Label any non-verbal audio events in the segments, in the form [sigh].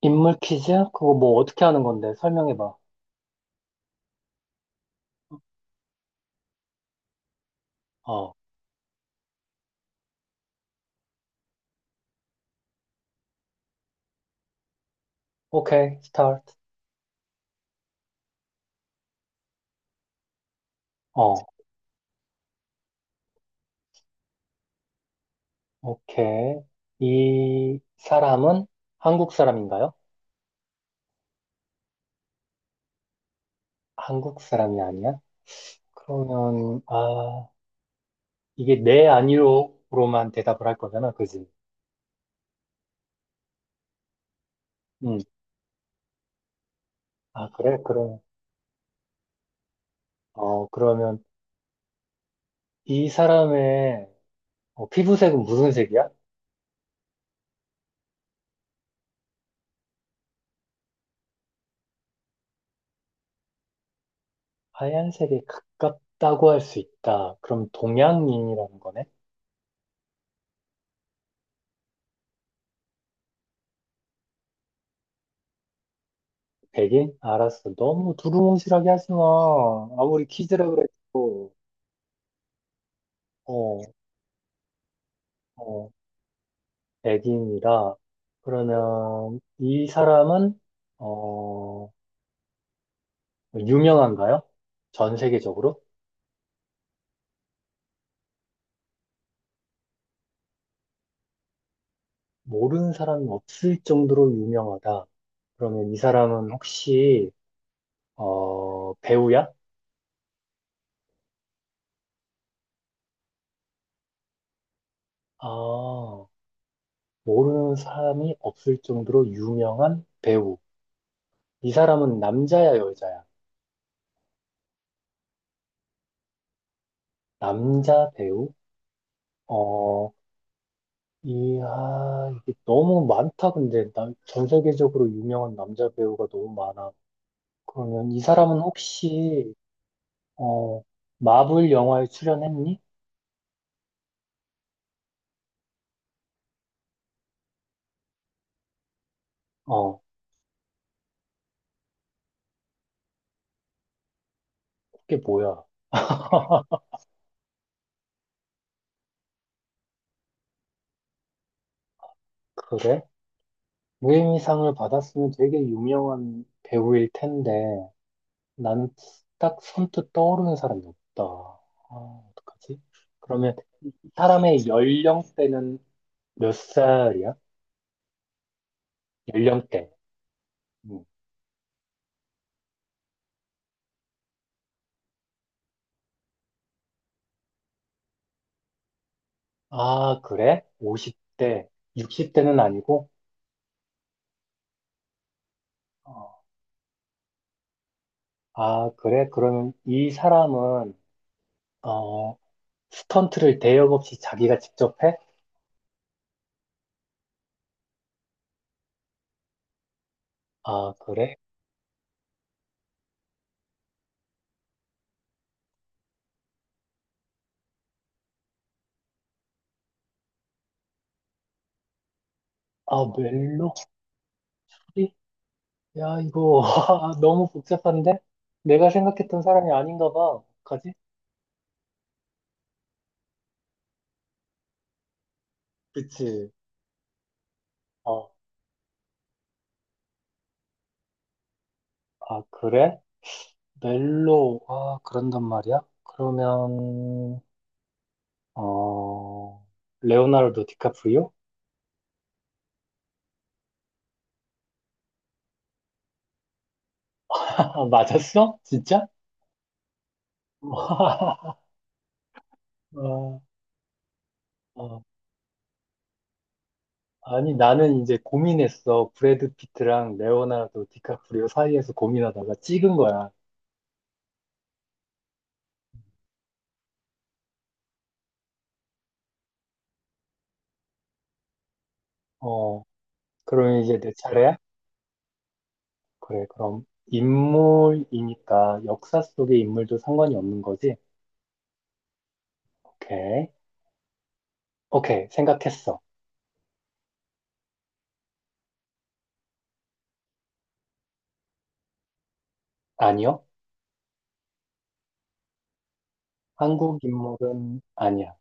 인물 퀴즈? 그거 뭐 어떻게 하는 건데? 설명해봐. 어, 오케이, 스타트. 어, 오케이. 이 사람은 한국 사람인가요? 한국 사람이 아니야? 그러면, 아, 이게 네, 아니요로만 대답을 할 거잖아, 그지? 응. 아, 그래? 그럼, 그러면 이 사람의 피부색은 무슨 색이야? 하얀색에 가깝다고 할 수 있다. 그럼 동양인이라는 거네? 베개? 알았어. 너무 두루뭉실하게 하지 마. 아무리 키즈라 그래도, 어, 어, 애기입니다. 그러면 이 사람은, 어, 유명한가요? 전 세계적으로? 모르는 사람이 없을 정도로 유명하다. 그러면 이 사람은 혹시, 배우야? 아, 모르는 사람이 없을 정도로 유명한 배우. 이 사람은 남자야, 여자야? 남자 배우? 어, 이야, 이게 너무 많다, 근데. 전 세계적으로 유명한 남자 배우가 너무 많아. 그러면 이 사람은 혹시, 어, 마블 영화에 출연했니? 어, 그게 뭐야? [laughs] 그래? 무에미상을 받았으면 되게 유명한 배우일 텐데, 나는 딱 선뜻 떠오르는 사람이 없다. 아, 어떡하지? 그러면 이 사람의 연령대는 몇 살이야? 연령대. 응. 아, 그래? 50대, 60대는 아니고? 어. 아, 그래? 그러면 이 사람은, 어, 스턴트를 대역 없이 자기가 직접 해? 아, 그래? 아, 멜로? 프리? 야, 이거, [laughs] 아, 너무 복잡한데? 내가 생각했던 사람이 아닌가 봐. 어떡하지? 그치. 어, 아, 그래? 멜로, 아, 그런단 말이야? 그러면, 어, 레오나르도 디카프리오? [laughs] 맞았어? 진짜? [laughs] 어, 어. 아니, 나는 이제 고민했어. 브래드 피트랑 레오나르도 디카프리오 사이에서 고민하다가 찍은 거야. 어, 그럼 이제 내 차례야? 그래, 그럼 인물이니까 역사 속의 인물도 상관이 없는 거지? 오케이. 오케이, 생각했어. 아니요. 한국 인물은 아니야.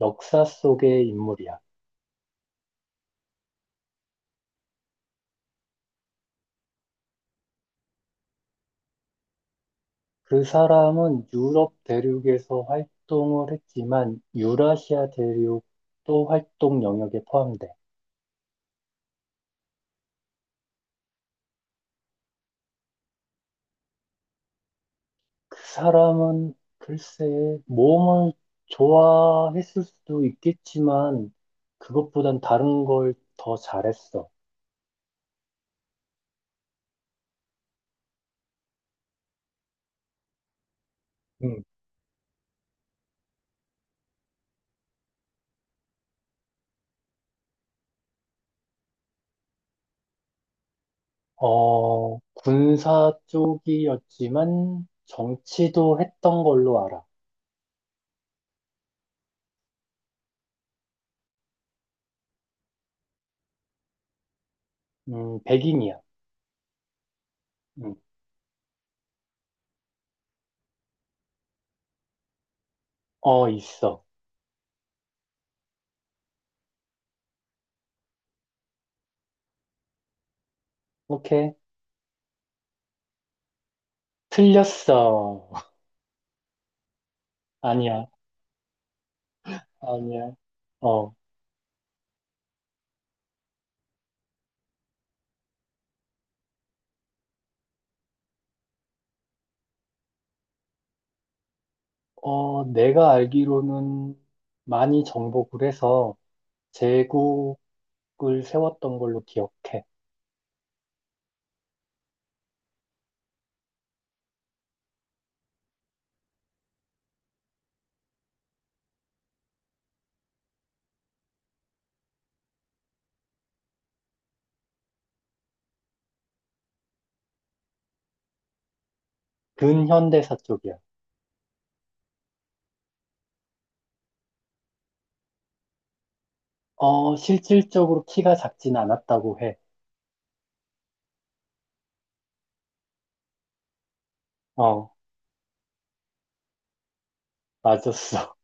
역사 속의 인물이야. 그 사람은 유럽 대륙에서 활동을 했지만 유라시아 대륙도 활동 영역에 포함돼. 그 사람은 글쎄 모험을 좋아했을 수도 있겠지만 그것보단 다른 걸 더 잘했어. 음, 군사 쪽이었지만 정치도 했던 걸로 알아. 백인이야. 음, 있어. 오케이. 틀렸어. [laughs] 아니야. 아니야. 어, 내가 알기로는 많이 정복을 해서 제국을 세웠던 걸로 기억해. 근현대사 쪽이야. 실질적으로 키가 작진 않았다고 해. 어, 맞았어.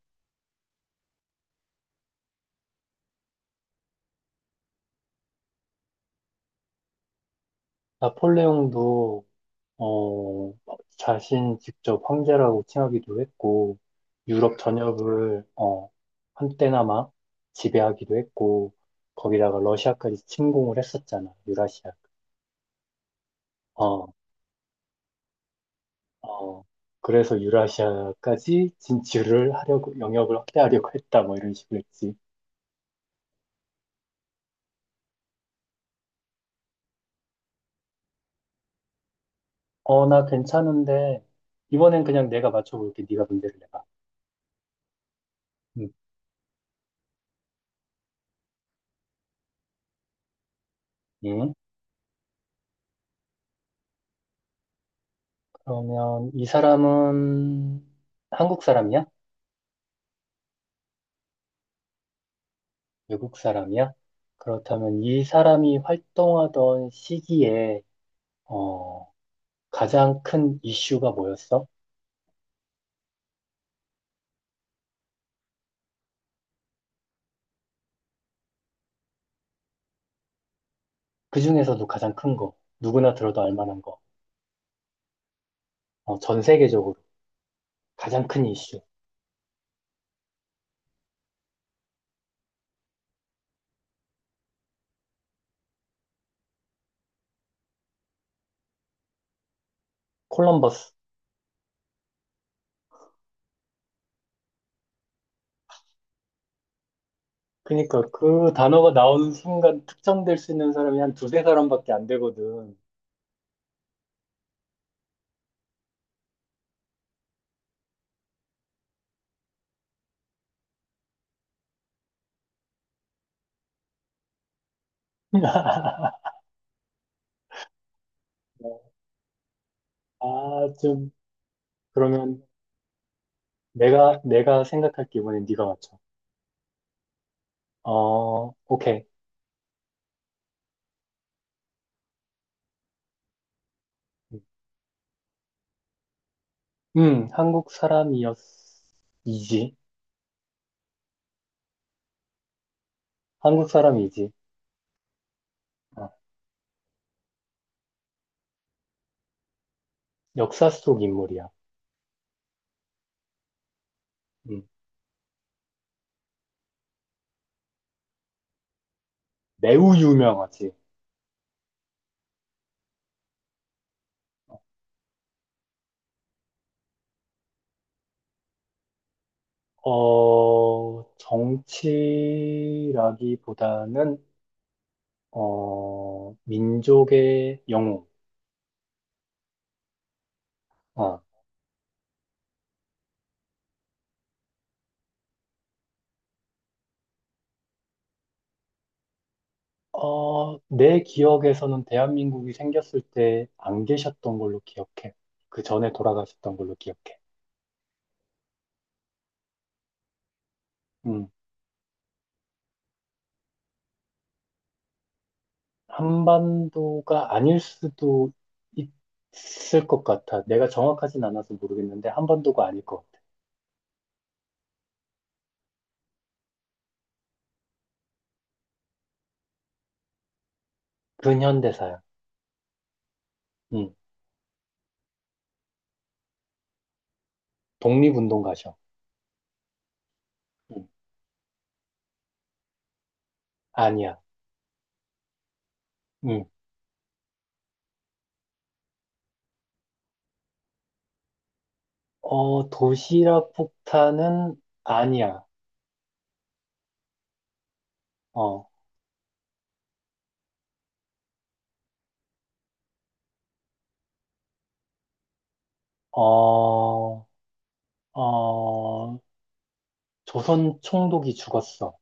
[laughs] 나폴레옹도, 어, 자신 직접 황제라고 칭하기도 했고, 유럽 전역을, 한때나마 지배하기도 했고, 거기다가 러시아까지 침공을 했었잖아, 유라시아. 어, 어. 그래서 유라시아까지 진출을 하려고, 영역을 확대하려고 했다, 뭐 이런 식으로 했지. 나 괜찮은데, 이번엔 그냥 내가 맞춰볼게. 네가 문제를 내봐. 음, 응? 그러면 이 사람은 한국 사람이야? 외국 사람이야? 그렇다면 이 사람이 활동하던 시기에, 어, 가장 큰 이슈가 뭐였어? 그 중에서도 가장 큰 거. 누구나 들어도 알 만한 거. 전 세계적으로 가장 큰 이슈. 콜럼버스. 그러니까 그 단어가 나오는 순간 특정될 수 있는 사람이 한 두세 사람밖에 안 되거든. [laughs] 아, 좀, 그러면 내가 생각할게. 이번엔 네가 맞춰. 오케이. 한국 사람이었이지. 한국 사람이지. 어, 역사 속 인물이야. 음, 매우 유명하지. 정치라기보다는, 민족의 영웅. 어, 내 기억에서는 대한민국이 생겼을 때 안 계셨던 걸로 기억해. 그 전에 돌아가셨던 걸로 기억해. 음, 한반도가 아닐 수도 있을 것 같아. 내가 정확하진 않아서 모르겠는데, 한반도가 아닐 것 같아. 근현대사야. 음, 독립운동가셔. 음, 아니야. 음, 도시락 폭탄은 아니야. 어, 어, 어, 조선 총독이 죽었어.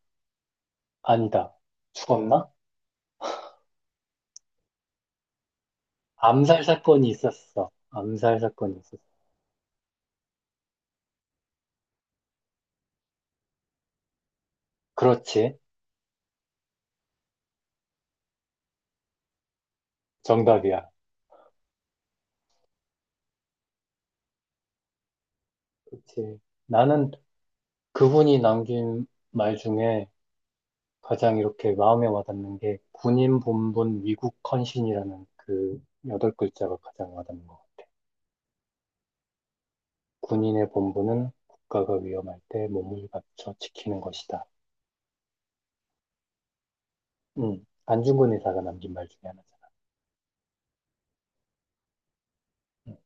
아니다. 죽었나? 암살 사건이 있었어. 암살 사건이 있었어. 그렇지. 정답이야. 그렇지. 나는 그분이 남긴 말 중에 가장 이렇게 마음에 와닿는 게 군인 본분 위국 헌신이라는 그 여덟 글자가 가장 와닿는 것 같아. 군인의 본분은 국가가 위험할 때 몸을 바쳐 지키는 것이다. 안중근 의사가 남긴 말 중에 하나잖아. 음.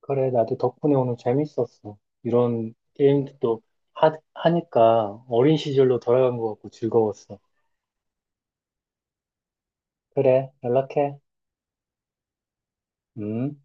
그래, 나도 덕분에 오늘 재밌었어. 이런 게임도 하니까 어린 시절로 돌아간 것 같고 즐거웠어. 그래, 연락해. 음.